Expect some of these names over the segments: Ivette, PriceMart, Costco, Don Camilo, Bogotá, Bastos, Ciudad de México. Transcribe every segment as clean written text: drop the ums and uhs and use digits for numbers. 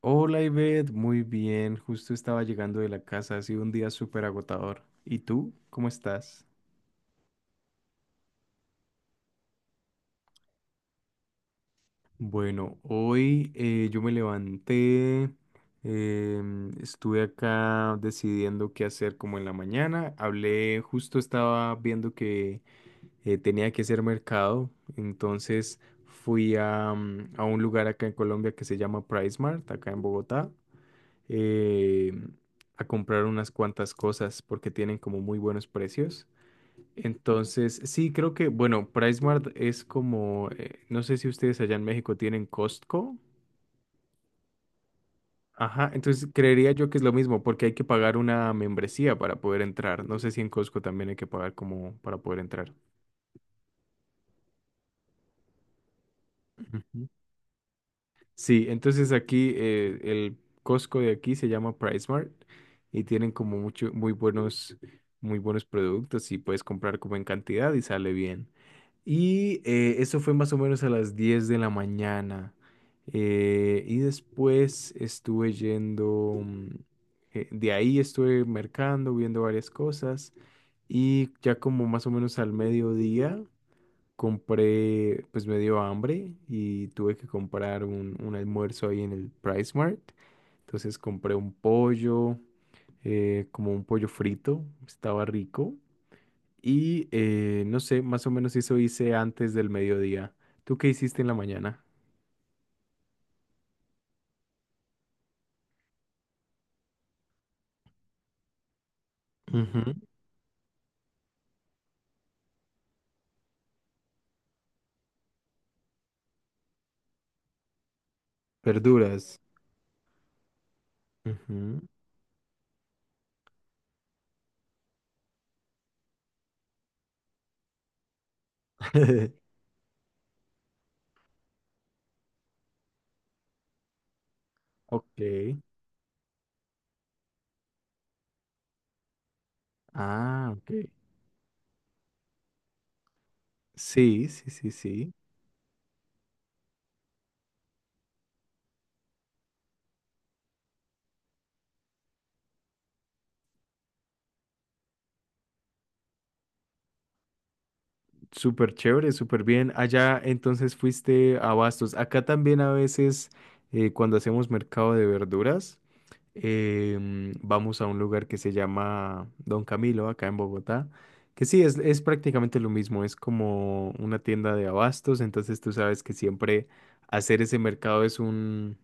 Hola Ivette, muy bien, justo estaba llegando de la casa, ha sido un día súper agotador. ¿Y tú? ¿Cómo estás? Bueno, hoy yo me levanté, estuve acá decidiendo qué hacer como en la mañana, hablé, justo estaba viendo que tenía que hacer mercado, entonces fui a un lugar acá en Colombia que se llama Price Mart, acá en Bogotá. eh, a comprar unas cuantas cosas porque tienen como muy buenos precios. Entonces, sí, creo que, bueno, PriceMart es como, no sé si ustedes allá en México tienen Costco. Ajá, entonces creería yo que es lo mismo porque hay que pagar una membresía para poder entrar. No sé si en Costco también hay que pagar como para poder entrar. Ujú. Sí, entonces aquí el Costco de aquí se llama PriceMart y tienen como mucho, muy buenos productos y puedes comprar como en cantidad y sale bien. Y eso fue más o menos a las 10 de la mañana. Y después estuve yendo, de ahí estuve mercando, viendo varias cosas y ya como más o menos al mediodía compré, pues me dio hambre y tuve que comprar un almuerzo ahí en el Price Mart. Entonces compré un pollo, como un pollo frito, estaba rico. Y no sé, más o menos eso hice antes del mediodía. ¿Tú qué hiciste en la mañana? Ujú. Verduras. Ujú. Ok. Ah, ok. Sí, sí, sí, sí. Súper chévere, súper bien. Allá entonces fuiste a Bastos. Acá también a veces cuando hacemos mercado de verduras, vamos a un lugar que se llama Don Camilo, acá en Bogotá, que sí, es prácticamente lo mismo, es como una tienda de abastos, entonces tú sabes que siempre hacer ese mercado es un,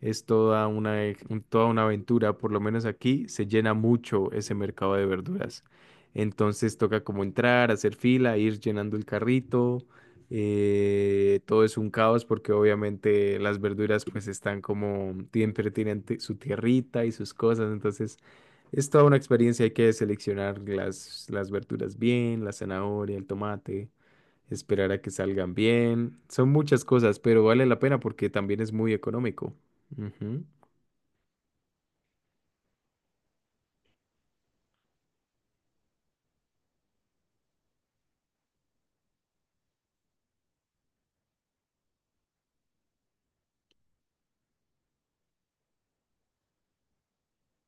es toda una, e- un- toda una aventura, por lo menos aquí se llena mucho ese mercado de verduras. Entonces toca como entrar, hacer fila, ir llenando el carrito. Todo es un caos porque obviamente las verduras pues están como siempre tienen su tierrita y sus cosas, entonces es toda una experiencia, hay que seleccionar las verduras bien, la zanahoria, el tomate, esperar a que salgan bien, son muchas cosas, pero vale la pena porque también es muy económico. Ujú,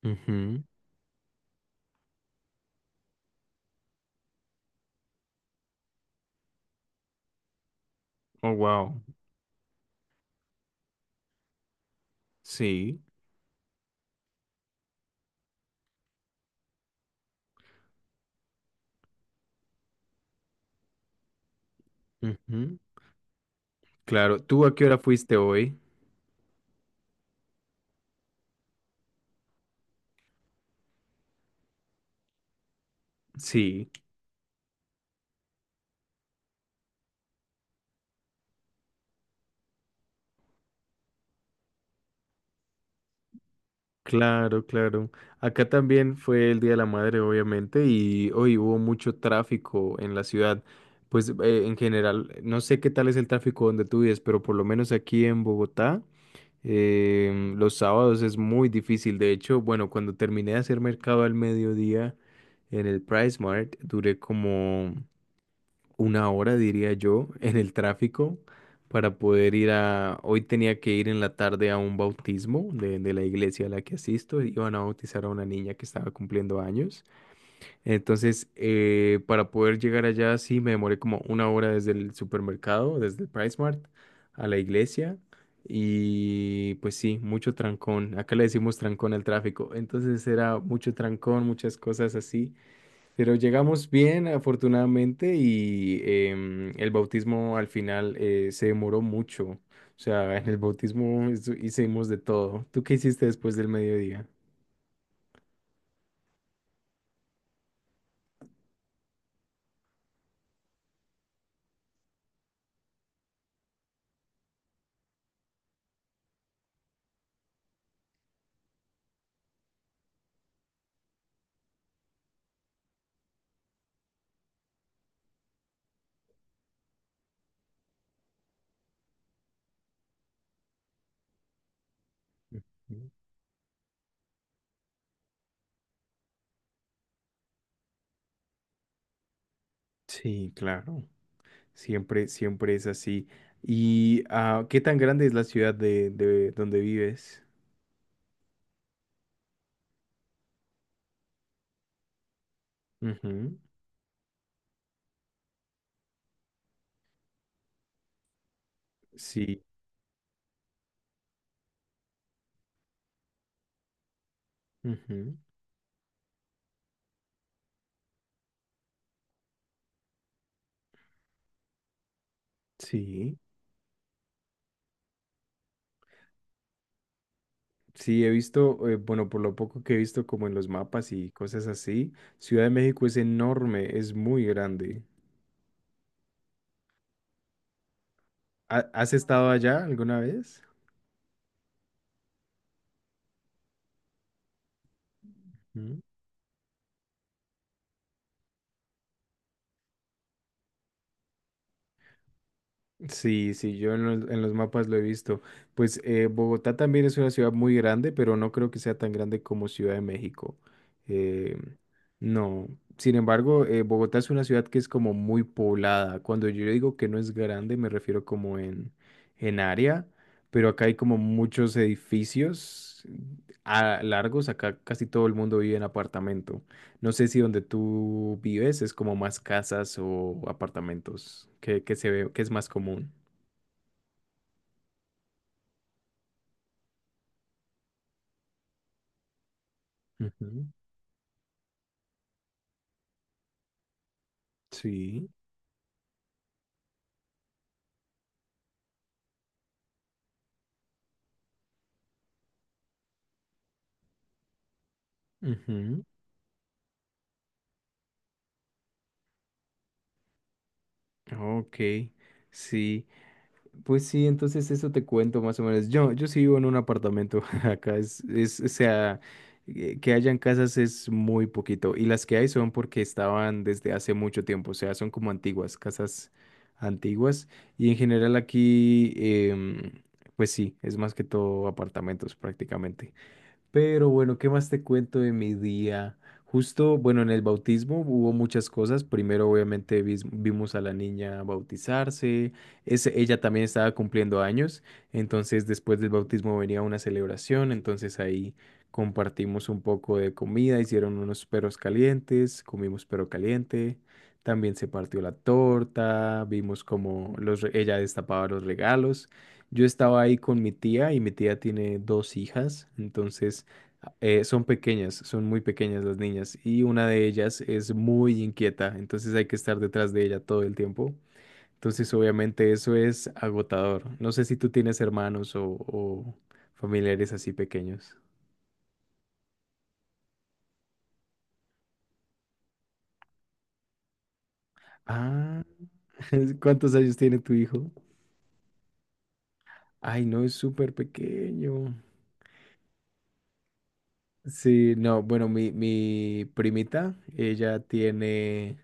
ujú. Oh, wow. Sí. Ujú. Claro, ¿tú a qué hora fuiste hoy? Sí. Claro, claro. Acá también fue el Día de la Madre, obviamente, y hoy hubo mucho tráfico en la ciudad. Pues en general, no sé qué tal es el tráfico donde tú vives, pero por lo menos aquí en Bogotá, los sábados es muy difícil. De hecho, bueno, cuando terminé de hacer mercado al mediodía en el Price Mart, duré como una hora, diría yo, en el tráfico para poder ir a... Hoy tenía que ir en la tarde a un bautismo de la iglesia a la que asisto. Iban a bautizar a una niña que estaba cumpliendo años. Entonces, para poder llegar allá, sí, me demoré como una hora desde el supermercado, desde el Price Mart a la iglesia. Y pues sí, mucho trancón. Acá le decimos trancón al tráfico. Entonces era mucho trancón, muchas cosas así. Pero llegamos bien, afortunadamente, y el bautismo al final se demoró mucho. O sea, en el bautismo hicimos de todo. ¿Tú qué hiciste después del mediodía? Ujú. Sí, claro. Siempre, siempre es así. ¿Y qué tan grande es la ciudad de donde vives? Ujú. Sí, ujú. Sí. Sí, he visto, bueno, por lo poco que he visto como en los mapas y cosas así, Ciudad de México es enorme, es muy grande. ¿Has estado allá alguna vez? Mm. Sí, sí, yo en los mapas lo he visto. Pues Bogotá también es una ciudad muy grande, pero no creo que sea tan grande como Ciudad de México. Eh, no. Sin embargo, Bogotá es una ciudad que es como muy poblada. Cuando yo digo que no es grande, me refiero como en área, pero acá hay como muchos edificios largos. Acá casi todo el mundo vive en apartamento. No sé si donde tú vives es como más casas o apartamentos, que se ve, que es más común. Ujú. Sí. Ujú. Ok, sí. Pues sí, entonces eso te cuento más o menos. Yo sí vivo en un apartamento. Acá es, o sea, que hayan casas es muy poquito. Y las que hay son porque estaban desde hace mucho tiempo. O sea, son como antiguas, casas antiguas. Y en general aquí, pues sí, es más que todo apartamentos prácticamente. Pero bueno, ¿qué más te cuento de mi día? Justo, bueno, en el bautismo hubo muchas cosas. Primero, obviamente, vimos a la niña bautizarse. Ella también estaba cumpliendo años. Entonces, después del bautismo venía una celebración. Entonces, ahí compartimos un poco de comida. Hicieron unos perros calientes. Comimos perro caliente. También se partió la torta. Vimos cómo ella destapaba los regalos. Yo estaba ahí con mi tía y mi tía tiene dos hijas, entonces son pequeñas, son muy pequeñas las niñas y una de ellas es muy inquieta, entonces hay que estar detrás de ella todo el tiempo. Entonces obviamente eso es agotador. No sé si tú tienes hermanos o familiares así pequeños. Ah, ¿cuántos años tiene tu hijo? Ay, no, es súper pequeño. Sí, no, bueno, mi primita, ella tiene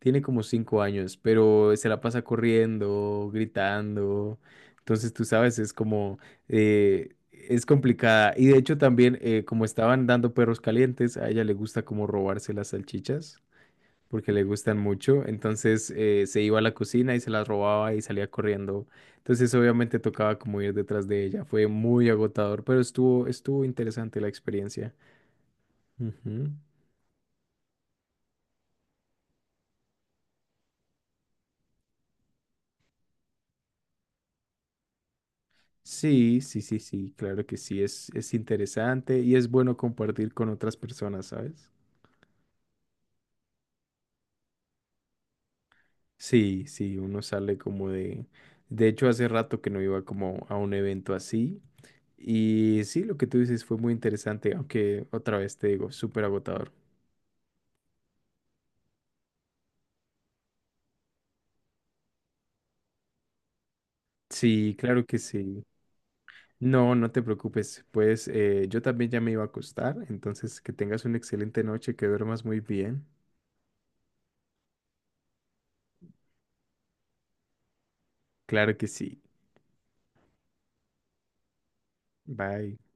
Tiene como 5 años, pero se la pasa corriendo, gritando. Entonces, tú sabes, es como, es complicada. Y de hecho también, como estaban dando perros calientes, a ella le gusta como robarse las salchichas, porque le gustan mucho. Entonces, se iba a la cocina y se las robaba y salía corriendo. Entonces, obviamente tocaba como ir detrás de ella. Fue muy agotador, pero estuvo interesante la experiencia. Ujú. Sí, sí, sí, sí, claro que sí, es interesante y es bueno compartir con otras personas, ¿sabes? Sí, sí, uno sale como de... De hecho, hace rato que no iba como a un evento así y sí, lo que tú dices fue muy interesante, aunque otra vez te digo, súper agotador. Sí, claro que sí. No, no te preocupes, pues yo también ya me iba a acostar, entonces que tengas una excelente noche, que duermas muy bien. Claro que sí. Bye.